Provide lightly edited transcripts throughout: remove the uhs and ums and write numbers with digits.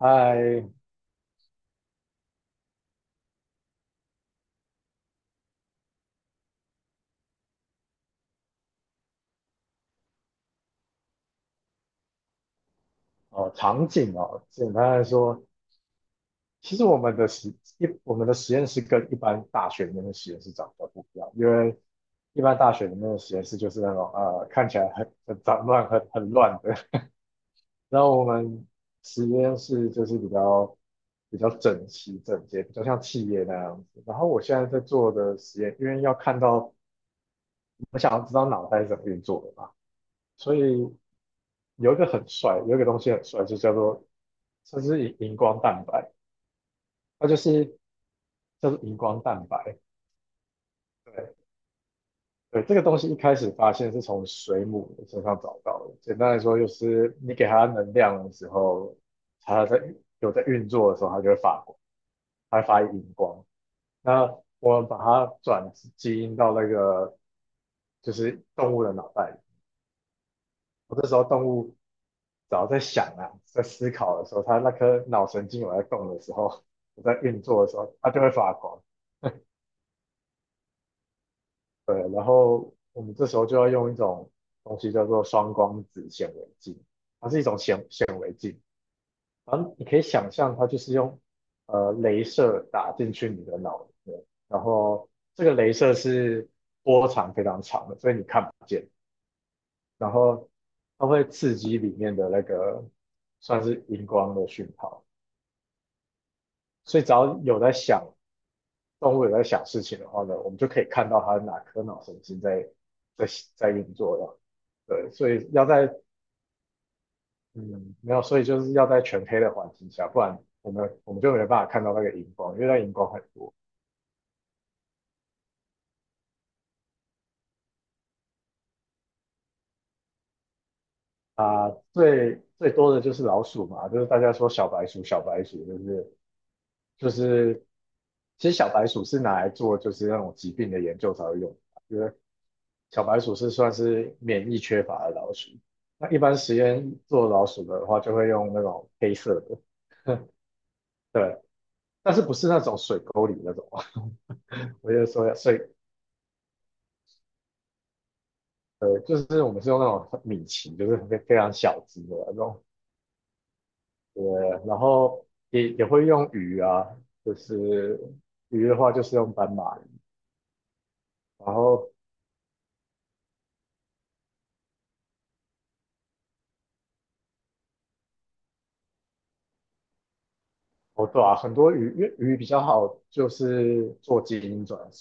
在哦，场景哦，简单来说，其实我们的实一我们的实验室跟一般大学里面的实验室长得不一样，因为一般大学里面的实验室就是那种看起来很杂乱、很乱的，然后我们实验室就是比较整齐整洁，比较像企业那样子。然后我现在在做的实验，因为要看到我想要知道脑袋是怎么运作的嘛，所以有一个东西很帅，就叫做。这是荧光蛋白，它就是叫做荧光蛋白。对，对，这个东西一开始发现是从水母的身上找到的。简单来说，就是你给它能量的时候，它在有在运作的时候，它就会发光，它会发荧光。那我们把它转基因到那个就是动物的脑袋里，我这时候动物只要在想啊，在思考的时候，它那颗脑神经有在动的时候，有在运作的时候，它就会发光。对，然后我们这时候就要用一种东西叫做双光子显微镜，它是一种显微镜，然后你可以想象它就是用镭射打进去你的脑里面，然后这个镭射是波长非常长的，所以你看不见，然后它会刺激里面的那个算是荧光的讯号，所以只要有在想动物有在想事情的话呢，我们就可以看到它的哪颗脑神经在在在运作了。对，所以要在，嗯，没有，所以就是要在全黑的环境下，不然我们就没办法看到那个荧光，因为那荧光很多啊、最多的就是老鼠嘛，就是大家说小白鼠，就是，其实小白鼠是拿来做就是那种疾病的研究才会用的，就是小白鼠是算是免疫缺乏的老鼠。那一般实验做老鼠的话，就会用那种黑色的，对，但是不是那种水沟里那种。 我就说要以，就是我们是用那种米奇，就是非常小只的那种，对。然后也会用鱼啊，就是鱼的话就是用斑马鱼，然后哦对啊，很多鱼，因为鱼比较好，就是做基因转，比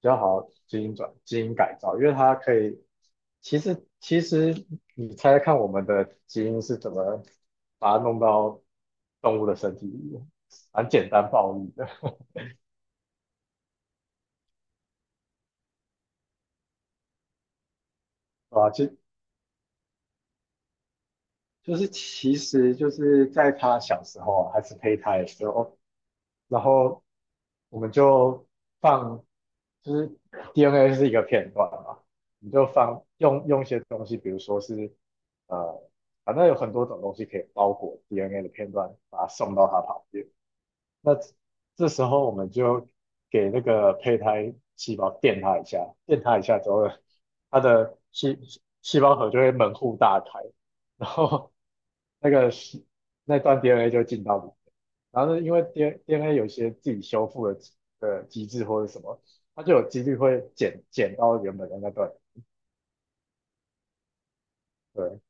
较好基因基因改造，因为它可以。其实你猜猜看，我们的基因是怎么把它弄到动物的身体里面？蛮简单暴力的，啊，就是其实就是在它小时候啊还是胚胎的时候，然后我们就放，就是 DNA 是一个片段嘛，你就放用一些东西，比如说是呃，反正有很多种东西可以包裹 DNA 的片段，把它送到它旁边。那这这时候我们就给那个胚胎细胞电它一下，电它一下之后，它的细胞核就会门户大开，然后那个细那段 DNA 就进到里面。然后呢，因为 D n a 有一些自己修复的的机制或者什么，它就有几率会剪到原本的那段。对，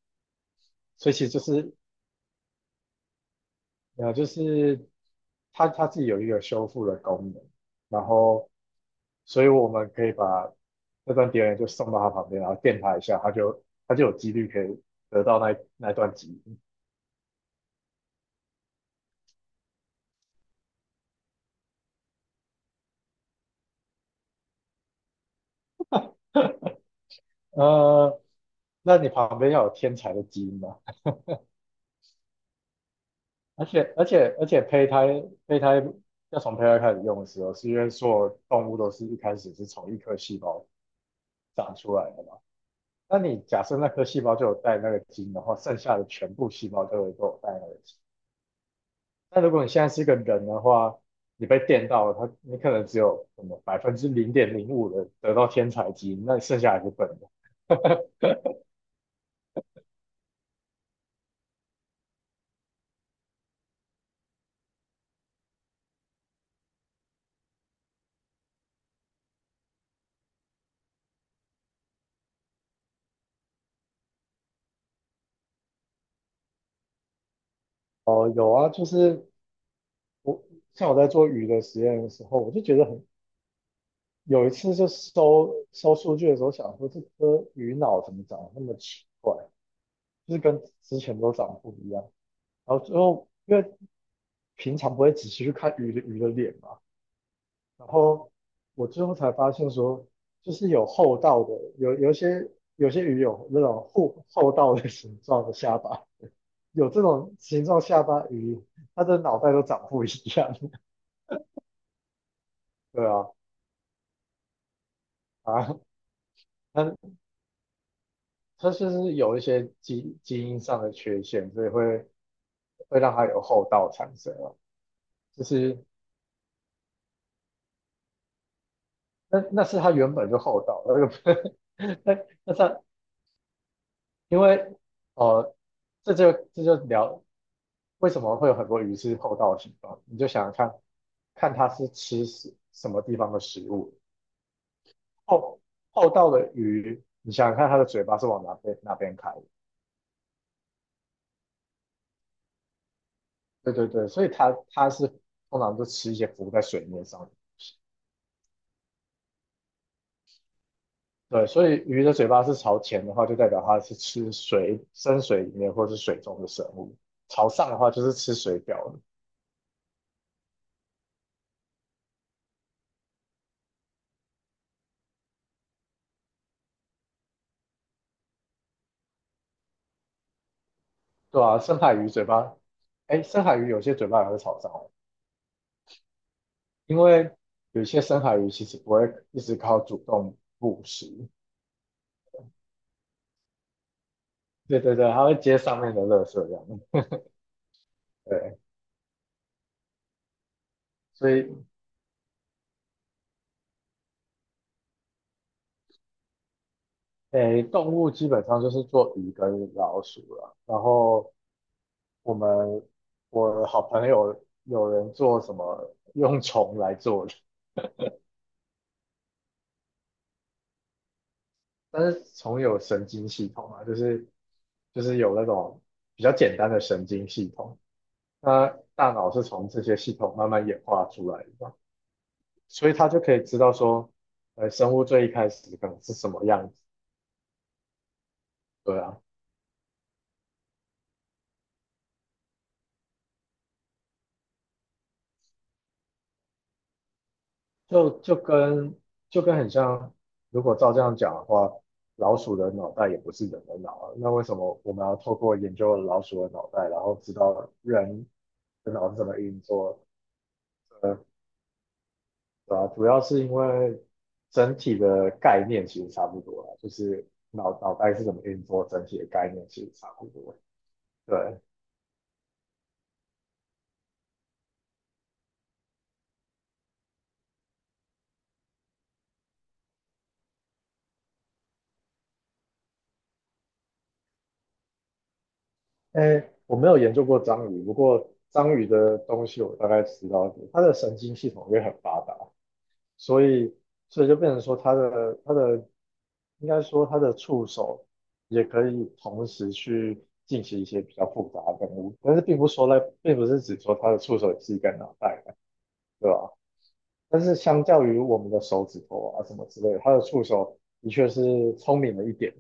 所以其实就是就是它自己有一个修复的功能，然后所以我们可以把那段碟人就送到他旁边，然后电他一下，他就有几率可以得到那段基因。呃，那你旁边要有天才的基因嘛？而且胚胎，要从胚胎开始用的时候，是因为所有动物都是一开始是从一颗细胞长出来的嘛。那你假设那颗细胞就有带那个基因的话，剩下的全部细胞都会都有带那个基因。那如果你现在是一个人的话，你被电到了，他你可能只有什么百分之零点零五的得到天才基因，那你剩下还是笨的。哦，有啊，就是我像我在做鱼的实验的时候，我就觉得很，有一次就收数据的时候，想说这颗鱼脑怎么长得那么奇怪，就是跟之前都长得不一样。然后最后因为平常不会仔细去看鱼的脸嘛，然后我最后才发现说，就是有厚道的，有一些，有些鱼有那种厚道的形状的下巴，有这种形状下巴鱼，它的脑袋都长不一样。对啊，啊，它它就是有一些基因上的缺陷，所以会让它有厚道产生啊。就是那那是它原本就厚道，那个 那它因为，呃，这就聊为什么会有很多鱼是后到的形状？你就想想看，看它是吃什么地方的食物。后后到的鱼，你想想看它的嘴巴是往哪边开的。对对对，所以它是通常就吃一些浮在水面上的。对，所以鱼的嘴巴是朝前的话，就代表它是吃水深水里面或是水中的生物；朝上的话，就是吃水表的。对啊，深海鱼嘴巴，哎，深海鱼有些嘴巴也会朝上哦，因为有些深海鱼其实不会一直靠主动捕食，对对对，它会接上面的垃圾这样。对，所以诶，动物基本上就是做鱼跟老鼠了。然后我们我好朋友有人做什么用虫来做的，但是虫有神经系统啊，就是就是有那种比较简单的神经系统，它大脑是从这些系统慢慢演化出来的嘛，所以他就可以知道说，呃，生物最一开始可能是什么样子，对啊，就跟，很像，如果照这样讲的话，老鼠的脑袋也不是人的脑啊，那为什么我们要透过研究老鼠的脑袋，然后知道人的脑是怎么运作？呃，对啊，主要是因为整体的概念其实差不多啊，就是脑袋是怎么运作，整体的概念其实差不多，对。哎，我没有研究过章鱼，不过章鱼的东西我大概知道一点，它的神经系统也很发达，所以所以就变成说它的它的应该说它的触手也可以同时去进行一些比较复杂的任务，但是并不说呢，并不是指说它的触手也是一个脑袋，对吧？但是相较于我们的手指头啊什么之类的，它的触手的确是聪明了一点。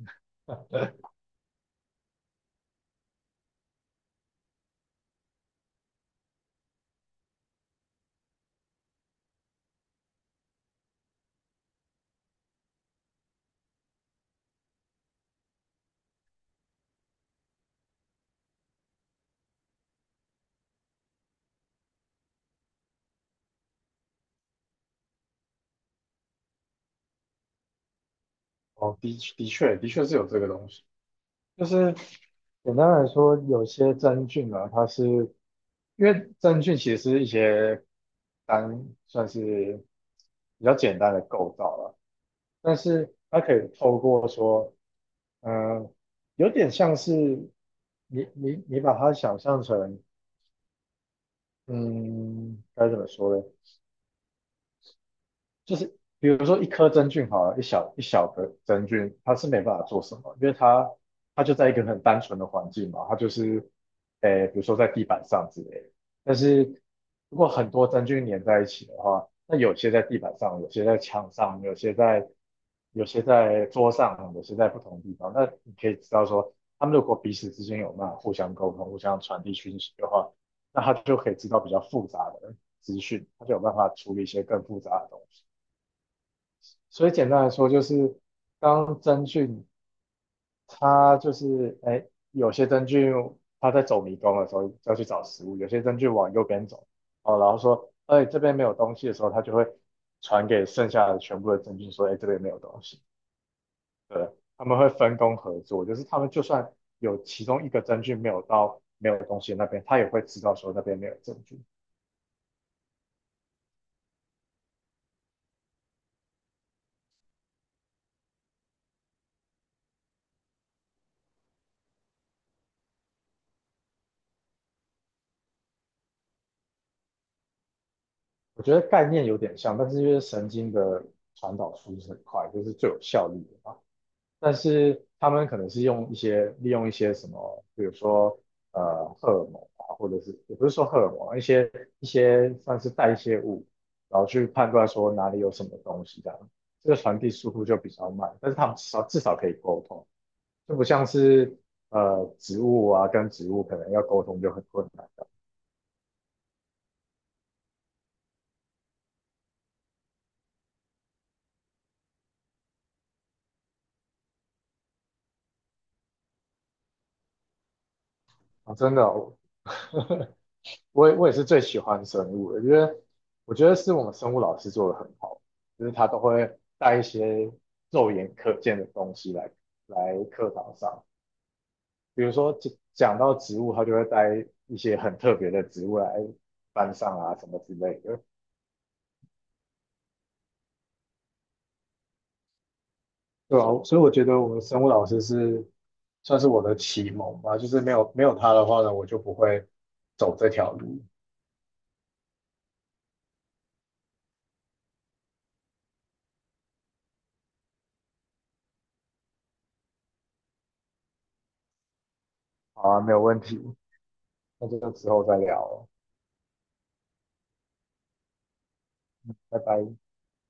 哦，的确是有这个东西。就是简单来说，有些真菌啊，它是因为真菌其实是一些单算是比较简单的构造了，但是它可以透过说，嗯，有点像是，你把它想象成，嗯，该怎么说呢？就是比如说一颗真菌好了，一小的真菌，它是没办法做什么，因为它就在一个很单纯的环境嘛，它就是，诶，比如说在地板上之类的。但是如果很多真菌粘在一起的话，那有些在地板上，有些在墙上，有些在桌上，有些在不同地方。那你可以知道说，他们如果彼此之间有办法互相沟通、互相传递讯息的话，那他就可以知道比较复杂的资讯，他就有办法处理一些更复杂的东西。所以简单来说，就是当真菌，它就是哎，有些真菌它在走迷宫的时候要去找食物，有些真菌往右边走，哦，然后说哎这边没有东西的时候，它就会传给剩下的全部的真菌说哎这边没有东西，对，他们会分工合作，就是他们就算有其中一个真菌没有到没有东西的那边，它也会知道说那边没有真菌。我觉得概念有点像，但是因为神经的传导速度是很快，就是最有效率的嘛。但是他们可能是用一些利用一些什么，比如说荷尔蒙啊，或者是也不是说荷尔蒙啊，一些算是代谢物，然后去判断说哪里有什么东西这样，这个传递速度就比较慢，但是他们至少可以沟通，就不像是植物啊跟植物可能要沟通就很困难啊，真的哦，我也是最喜欢生物的，因为我觉得是我们生物老师做的很好，就是他都会带一些肉眼可见的东西来课堂上，比如说讲到植物，他就会带一些很特别的植物来班上啊什么之类的，对啊，所以我觉得我们生物老师是算是我的启蒙吧，就是没有他的话呢，我就不会走这条路。好啊，没有问题，那就之后再聊了，拜拜。